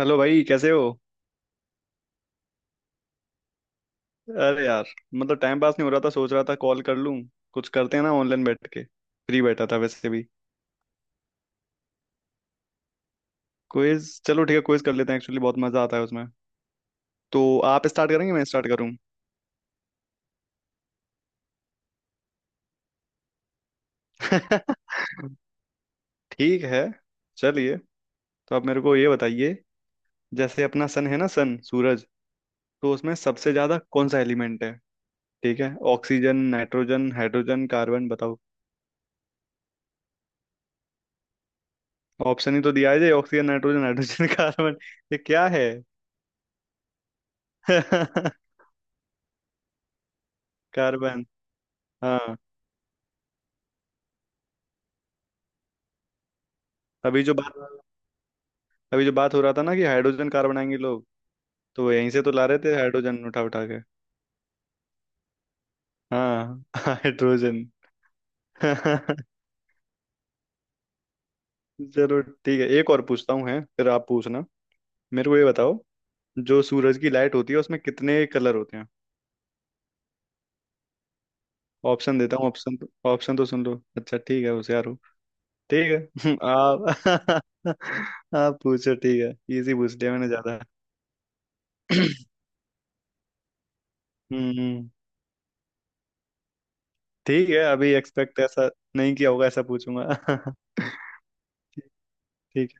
Hello भाई, कैसे हो? अरे यार, मतलब टाइम पास नहीं हो रहा था, सोच रहा था कॉल कर लूं। कुछ करते हैं ना ऑनलाइन बैठ के, फ्री बैठा था वैसे भी। क्विज? चलो ठीक है, क्विज कर लेते हैं। एक्चुअली बहुत मजा आता है उसमें। तो आप स्टार्ट करेंगे, मैं स्टार्ट करूं? ठीक है, चलिए। तो आप मेरे को ये बताइए, जैसे अपना सन है ना, सन सूरज, तो उसमें सबसे ज्यादा कौन सा एलिमेंट है? ठीक है, ऑक्सीजन, नाइट्रोजन, हाइड्रोजन, कार्बन, बताओ। ऑप्शन ही तो दिया है, ऑक्सीजन, नाइट्रोजन, हाइड्रोजन, कार्बन। ये क्या है? कार्बन। हाँ। अभी जो बात अभी जो बात हो रहा था ना कि हाइड्रोजन कार बनाएंगे लोग, तो यहीं से तो ला रहे थे हाइड्रोजन उठा उठा के। हाँ हाइड्रोजन। चलो ठीक है, एक और पूछता हूँ है फिर आप पूछना। मेरे को ये बताओ, जो सूरज की लाइट होती है उसमें कितने कलर होते हैं? ऑप्शन देता हूँ, ऑप्शन तो सुन लो। अच्छा ठीक है, होशियार हो। ठीक है आप। आप पूछो, ठीक है। इजी पूछ लिया मैंने ज्यादा। हम्म। ठीक है, अभी एक्सपेक्ट ऐसा नहीं किया होगा ऐसा पूछूंगा। ठीक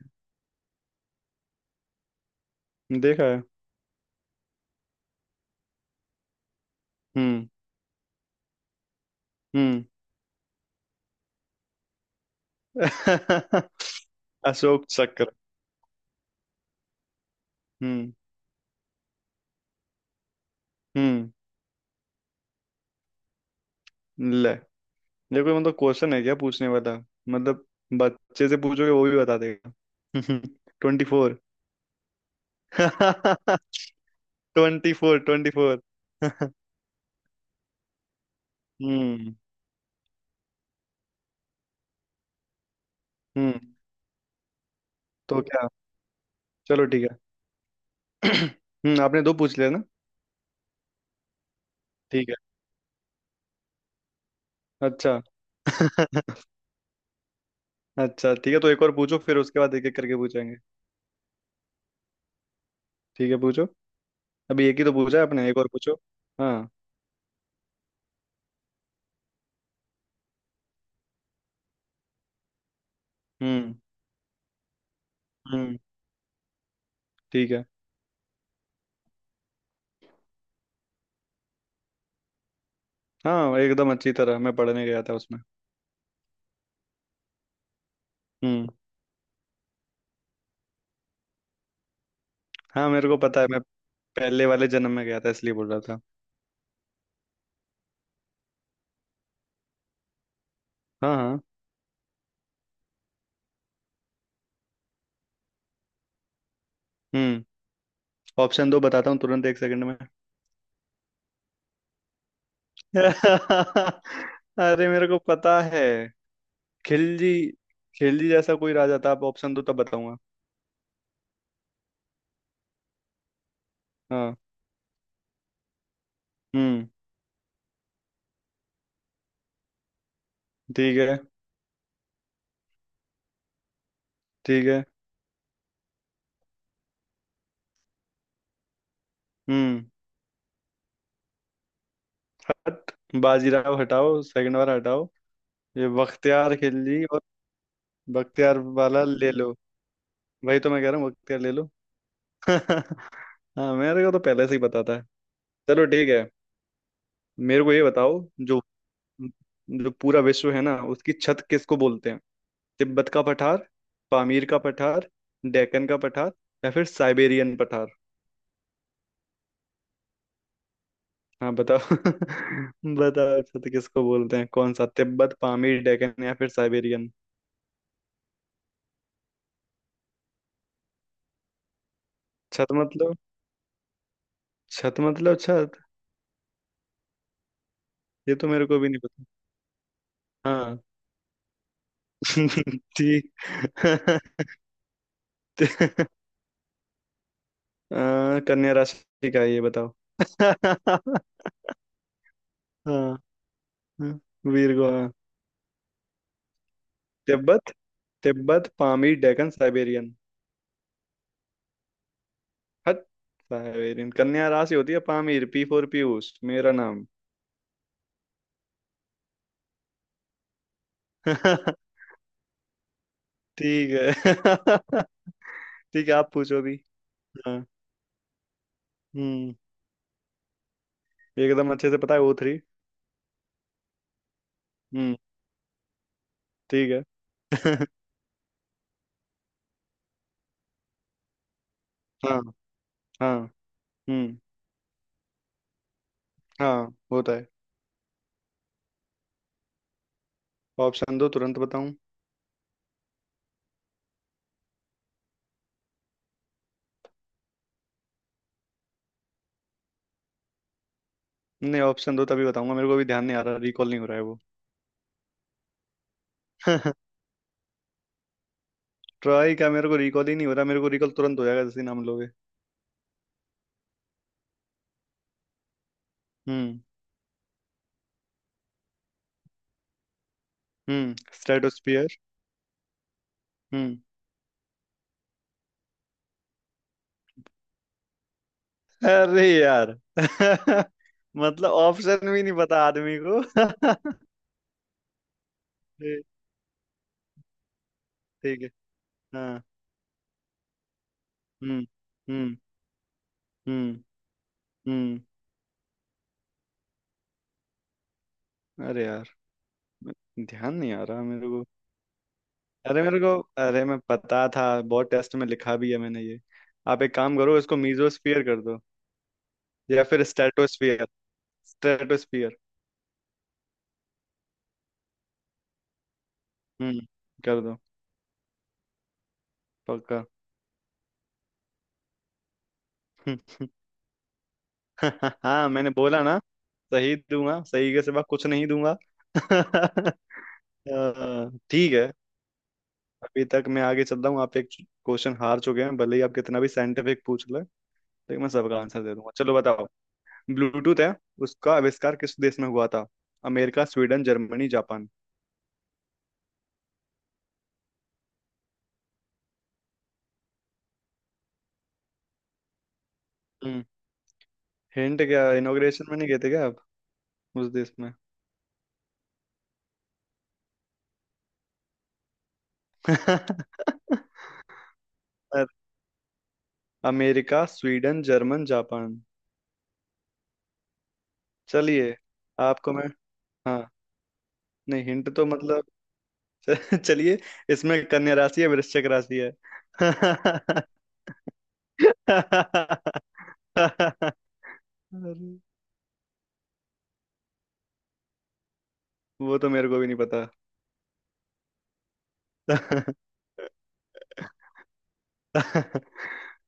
है। देखा है। हम्म। हम्म। अशोक चक्र। हम्म। हम्म। ले, ये कोई मतलब क्वेश्चन है क्या पूछने वाला? मतलब बच्चे से पूछोगे वो भी बता देगा। 24। Twenty four, 24। हम्म। हम्म। तो क्या? चलो ठीक है। हम्म, आपने दो पूछ लिया ना? ठीक है। अच्छा। अच्छा ठीक है, तो एक और पूछो, फिर उसके बाद एक एक करके पूछेंगे। ठीक है, पूछो। अभी एक ही तो पूछा है आपने, एक और पूछो। हाँ। हम्म। हम्म। ठीक है। हाँ एकदम अच्छी तरह, मैं पढ़ने गया था उसमें। हम्म। हाँ मेरे को पता है, मैं पहले वाले जन्म में गया था इसलिए बोल रहा था। हाँ हाँ। हम्म। ऑप्शन दो, बताता हूँ तुरंत एक सेकंड में। अरे मेरे को पता है। खिलजी। खिलजी जैसा कोई राजा था, आप ऑप्शन दो तब बताऊंगा। हाँ। हम्म। ठीक है। ठीक है। हम्म। हट, बाजीराव हटाओ, सेकंड वाला हटाओ। ये बख्तियार खिलजी और बख्तियार वाला ले लो। वही तो मैं कह रहा हूँ, बख्तियार ले लो। हाँ मेरे को तो पहले से ही पता था। चलो ठीक है। मेरे को ये बताओ, जो जो पूरा विश्व है ना उसकी छत किसको बोलते हैं? तिब्बत का पठार, पामीर का पठार, डेक्कन का पठार, या फिर साइबेरियन पठार। हाँ बताओ, बताओ, छत किसको बोलते हैं? कौन सा, तिब्बत, पामीर, डेक्कन या फिर साइबेरियन? छत मतलब, छत मतलब छत। ये तो मेरे को भी नहीं पता। हाँ ठीक। अ, कन्या राशि का है, ये बताओ। हाँ। हाँ, वीरगो, हाँ। तिब्बत, तिब्बत, पामीर, डेकन, साइबेरियन। हट, साइबेरियन कन्या राशि होती है? पामीर, पी फॉर पीयूष, मेरा नाम। ठीक है। ठीक है, आप पूछो भी। हाँ। हम्म, एकदम अच्छे से पता है, O3। हम्म। ठीक है। हाँ। हाँ। हम्म। हाँ होता है। ऑप्शन दो तुरंत बताऊं। नहीं ऑप्शन दो तभी बताऊंगा, मेरे को अभी ध्यान नहीं आ रहा, रिकॉल नहीं हो रहा है वो। ट्राई क्या, मेरे को रिकॉल ही नहीं हो रहा, मेरे को रिकॉल तुरंत हो जाएगा जैसे ही नाम लोगे। हम्म। हम्म। स्ट्रेटोस्फियर। हम्म। अरे यार। मतलब ऑप्शन भी नहीं पता आदमी को। ए, ठीक है। हाँ। हम्म। हम्म। हम्म। हम्म। अरे यार, ध्यान नहीं आ रहा मेरे को। अरे मेरे को अरे मैं पता था, बहुत टेस्ट में लिखा भी है मैंने ये। आप एक काम करो, इसको मीजोस्फियर कर दो या फिर स्ट्रेटोस्फियर। स्ट्रेटोस्फियर। हम्म, कर दो। पक्का। हाँ मैंने बोला ना, सही दूंगा, सही के सिवा कुछ नहीं दूंगा। ठीक है। अभी तक मैं आगे चल रहा हूँ, आप एक क्वेश्चन हार चुके हैं, भले ही आप कितना भी साइंटिफिक पूछ ले लेकिन मैं सबका आंसर दे दूंगा। चलो बताओ, ब्लूटूथ है, उसका आविष्कार किस देश में हुआ था? America, Sweden, Germany, Japan. हम्म। हिंट क्या, इनॉग्रेशन में नहीं गए थे क्या आप, उस देश में? America, Sweden, German, Japan. चलिए, आपको मैं। हाँ। नहीं हिंट तो मतलब। चलिए, इसमें कन्या राशि है, वृश्चिक राशि है। अरे, वो तो मेरे को भी नहीं पता।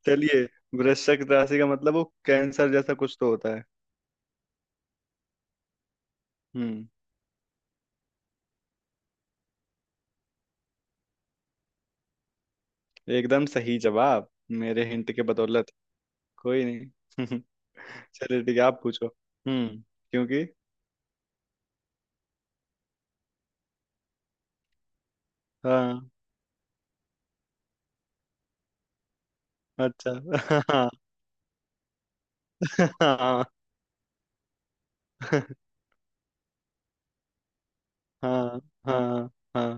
चलिए, वृश्चिक राशि का मतलब, वो कैंसर जैसा कुछ तो होता है। हम्म। एकदम सही जवाब, मेरे हिंट के बदौलत। कोई नहीं। चलिए ठीक है, आप पूछो। हम्म। क्योंकि। हाँ। अच्छा। हाँ हाँ हाँ। हाँ। हाँ।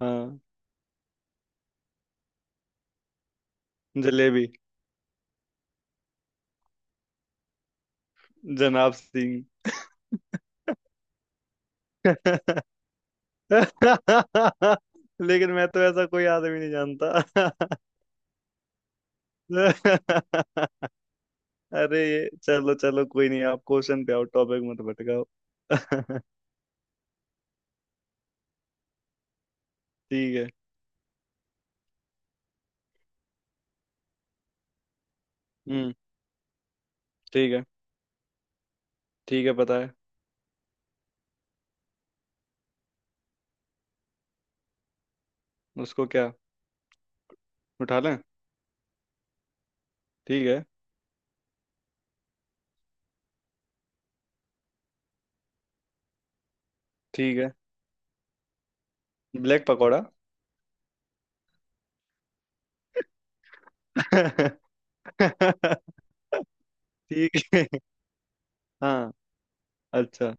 हाँ। जलेबी। जनाब सिंह। लेकिन मैं तो ऐसा कोई आदमी नहीं जानता। अरे ये, चलो चलो कोई नहीं, आप क्वेश्चन पे आओ, टॉपिक मत भटकाओ। ठीक है। हम्म। ठीक है। ठीक है, पता है। उसको क्या? उठा लें? ठीक है। ठीक है। ब्लैक पकौड़ा। ठीक है। हाँ। अच्छा।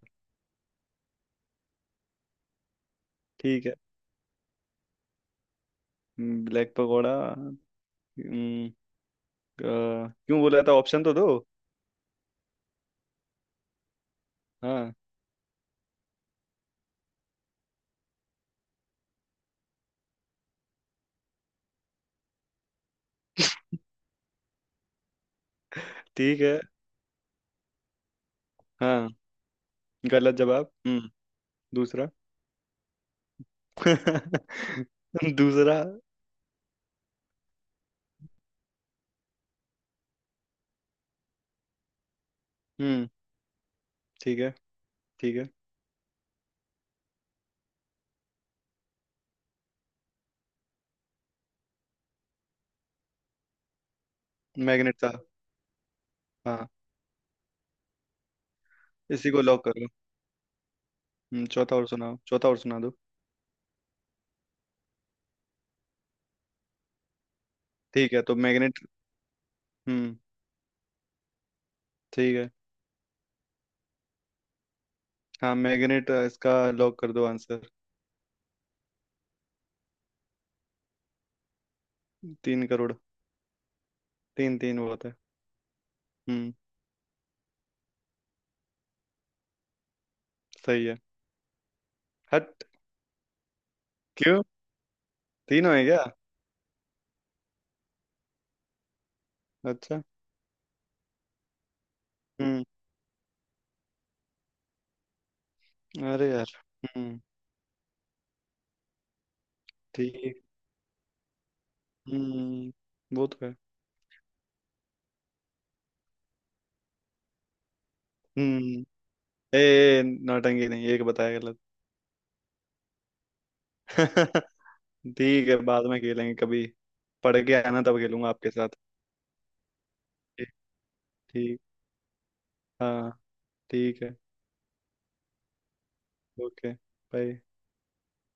ठीक है। ब्लैक पकौड़ा। अ, क्यों बोला था? ऑप्शन तो दो। हाँ। ठीक है। हाँ। गलत जवाब। हम्म। दूसरा। दूसरा। हम्म। ठीक है। ठीक है। मैग्नेट था। हाँ। इसी को लॉक करो। हम्म, चौथा और सुनाओ, चौथा और सुना दो। ठीक है तो मैग्नेट। हम्म। ठीक है। हाँ मैग्नेट, इसका लॉक कर दो आंसर। 3 करोड़। 3, 3 बहुत है। हम्म। सही है। हट। क्यों? तीनों है क्या? अच्छा। हम्म। अरे यार। हम्म। ठीक। हम्म। वो तो है। हम्म। ए, नौटंकी नहीं, एक बताया गलत। ठीक है, बाद में खेलेंगे कभी। पढ़ के आना तब खेलूंगा आपके साथ। ठीक। ठीक। हाँ। ठीक है। ओके। बाय।